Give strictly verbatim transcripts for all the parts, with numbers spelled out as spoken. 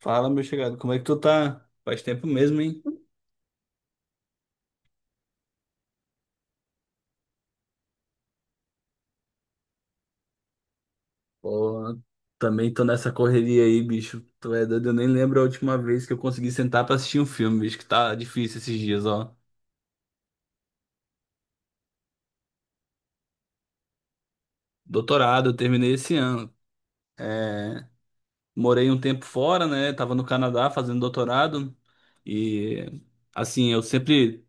Fala, meu chegado, como é que tu tá? Faz tempo mesmo, hein? Pô, também tô nessa correria aí, bicho. Tu é doido, eu nem lembro a última vez que eu consegui sentar pra assistir um filme, bicho, que tá difícil esses dias, ó. Doutorado, eu terminei esse ano. Morei um tempo fora, né? Tava no Canadá fazendo doutorado. E, assim, eu sempre.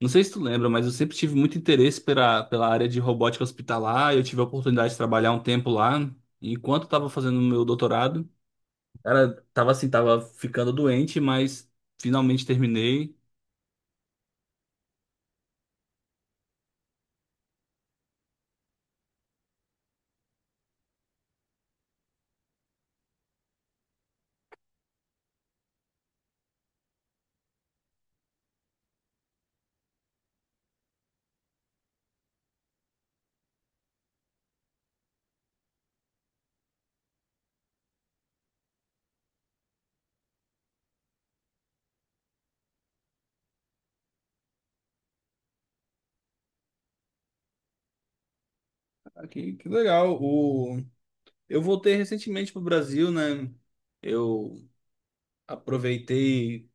Não sei se tu lembra, mas eu sempre tive muito interesse pela, pela área de robótica hospitalar. Eu tive a oportunidade de trabalhar um tempo lá, enquanto eu tava fazendo o meu doutorado. Cara, tava assim, tava ficando doente, mas finalmente terminei. Ah, que, que legal. O... Eu voltei recentemente pro Brasil, né? Eu aproveitei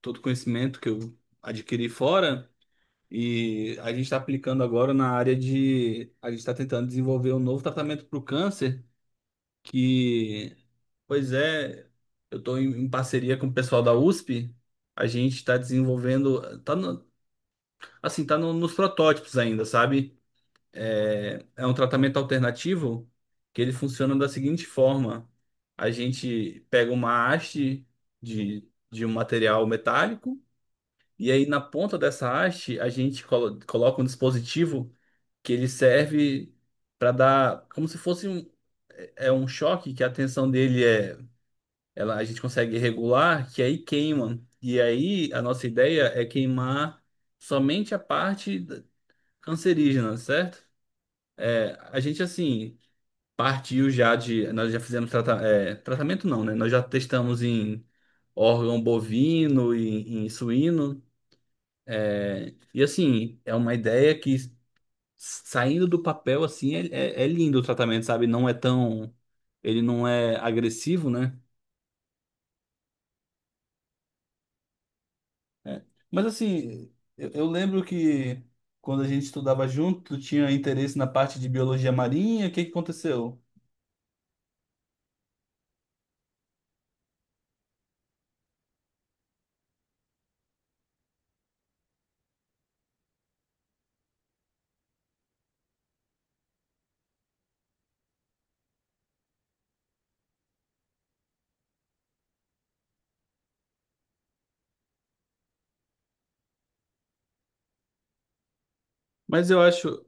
todo o conhecimento que eu adquiri fora e a gente está aplicando agora na área de. A gente está tentando desenvolver um novo tratamento para o câncer, que, pois é, eu estou em, em parceria com o pessoal da USP. A gente está desenvolvendo. Tá no- assim, tá no- nos protótipos ainda, sabe? é, é um tratamento alternativo que ele funciona da seguinte forma: a gente pega uma haste de, de um material metálico e aí na ponta dessa haste a gente colo- coloca um dispositivo que ele serve para dar como se fosse um é é um choque que a tensão dele é ela a gente consegue regular que aí queima e aí a nossa ideia é queimar somente a parte da- cancerígena, certo? A gente assim partiu já de. Nós já fizemos trata- é, tratamento, não, né? Nós já testamos em órgão bovino e em suíno. E assim, é uma ideia que saindo do papel, assim, é, é- é lindo o tratamento, sabe? Não é tão. Ele não é agressivo, né? É. Mas assim, eu, eu lembro que quando a gente estudava junto, tu tinha interesse na parte de biologia marinha, o que que aconteceu? Mas eu acho,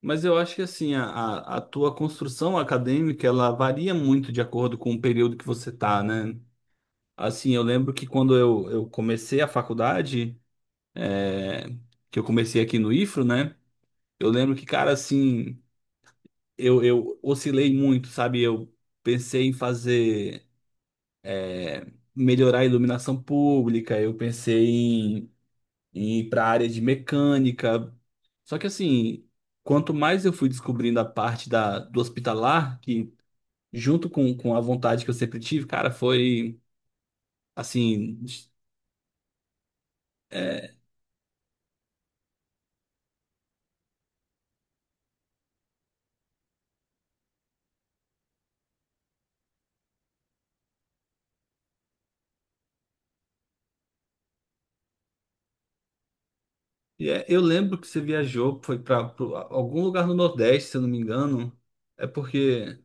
Mas eu acho que assim, a, a, a tua construção acadêmica, ela varia muito de acordo com o período que você tá, né? Assim, eu lembro que quando eu, eu comecei a faculdade, é, que eu comecei aqui no IFRO, né? Eu lembro que, cara, assim, eu, eu oscilei muito, sabe? Eu pensei em fazer, melhorar a iluminação pública, eu pensei em, em ir para a área de mecânica. Só que, assim, quanto mais eu fui descobrindo a parte da, do hospitalar, que junto com, com a vontade que eu sempre tive, cara, foi assim. é, é- eu lembro que você viajou, foi para algum lugar no Nordeste, se eu não me engano. É porque,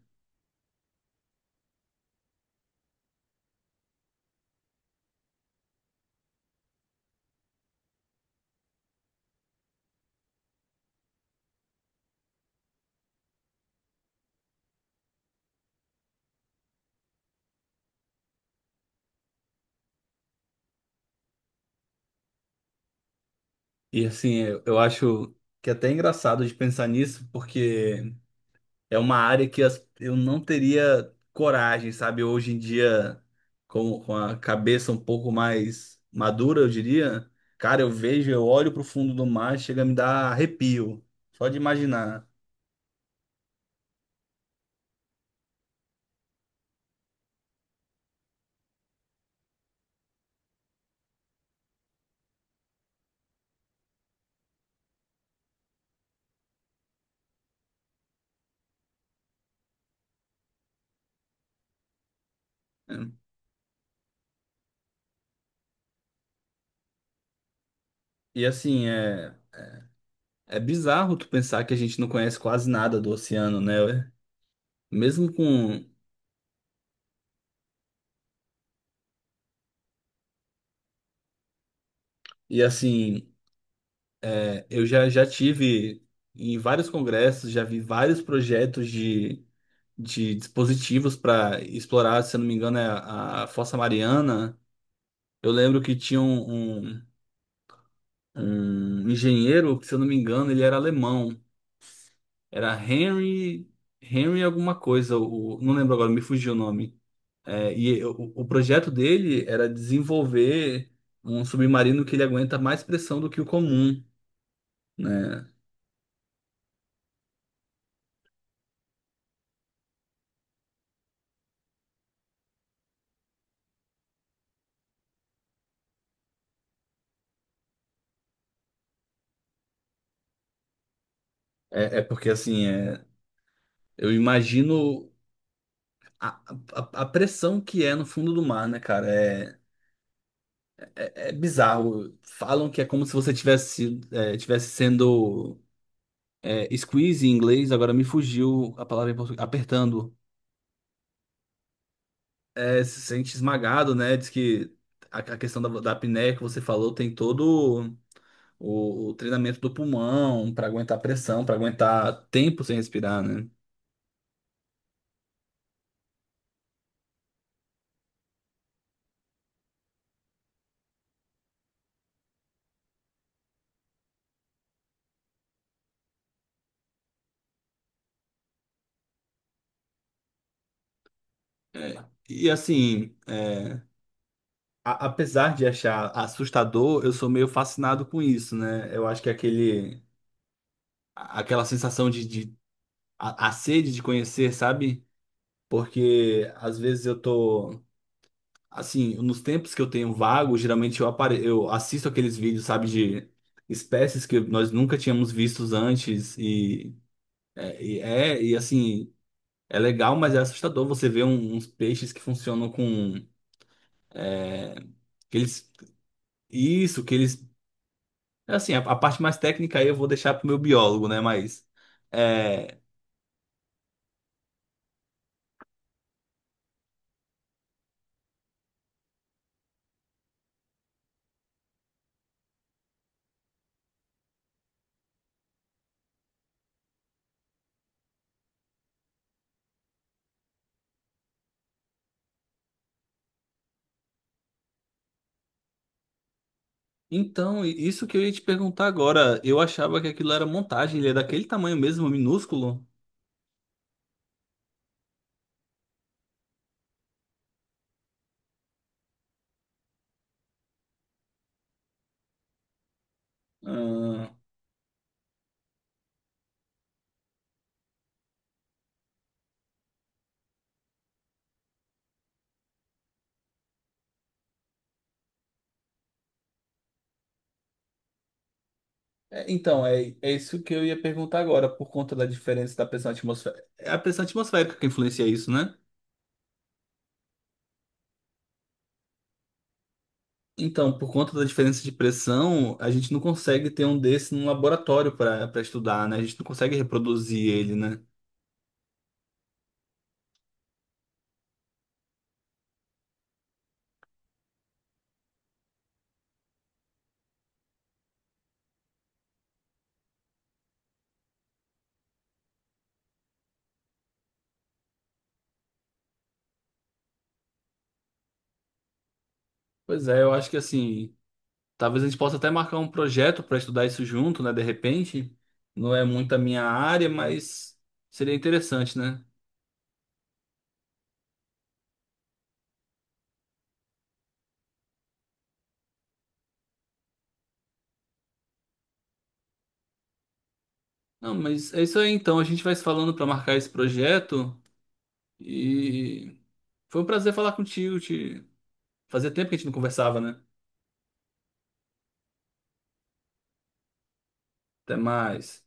e assim, eu, eu acho que é até engraçado de pensar nisso, porque é uma área que as- eu não teria coragem, sabe? Hoje em dia, com, com a cabeça um pouco mais madura, eu diria. Cara, eu vejo, eu olho pro fundo do mar, chega a me dar arrepio, só de imaginar. Né? E assim, é, é bizarro tu pensar que a gente não conhece quase nada do oceano, né? Mesmo com. E assim, é, eu já, já tive em vários congressos, já vi vários projetos de, de dispositivos para explorar, se eu não me engano, é a, a Fossa Mariana. Eu lembro que tinha um, um, um engenheiro, que, se eu não me engano, ele era alemão. Era Henry, Henry alguma coisa, o, não lembro agora, me fugiu o nome. É, e o, o projeto dele era desenvolver um submarino que ele aguenta mais pressão do que o comum, né? É, é porque assim, é, eu imagino a, a, a pressão que é no fundo do mar, né, cara? É, é, é bizarro. Falam que é como se você tivesse, sido- é, tivesse sendo é, squeeze em inglês, agora me fugiu a palavra em português, apertando. É, se sente esmagado, né? Diz que a, a questão da, da apneia que você falou tem todo. o, o treinamento do pulmão para aguentar pressão, para aguentar tempo sem respirar, né? É, e assim, é, a- apesar de achar assustador, eu sou meio fascinado com isso, né? Eu acho que é aquele, a- aquela sensação de, de- a, a sede de conhecer, sabe? Porque às vezes eu tô assim, nos tempos que eu tenho vago, geralmente eu apare... eu assisto aqueles vídeos, sabe, de espécies que nós nunca tínhamos vistos antes e é, e é, e, assim, é legal, mas é assustador você ver um- uns peixes que funcionam com. é, que eles, isso, que eles. é Assim, a, a parte mais técnica aí eu vou deixar pro meu biólogo, né? Mas. é, então, i- isso que eu ia te perguntar agora. Eu achava que aquilo era montagem, ele é daquele tamanho mesmo, minúsculo. Ah, é, então, é, é isso que eu ia perguntar agora, por conta da diferença da pressão atmosférica. É a pressão atmosférica que influencia isso, né? Então, por conta da diferença de pressão, a gente não consegue ter um desse num laboratório para para estudar, né? A gente não consegue reproduzir ele, né? Pois é, eu acho que assim, talvez a gente possa até marcar um projeto para estudar isso junto, né? De repente, não é muito a minha área, mas seria interessante, né? Não, mas é isso aí então, a gente vai se falando para marcar esse projeto e foi um prazer falar contigo, te... fazia tempo que a gente não conversava, né? Até mais.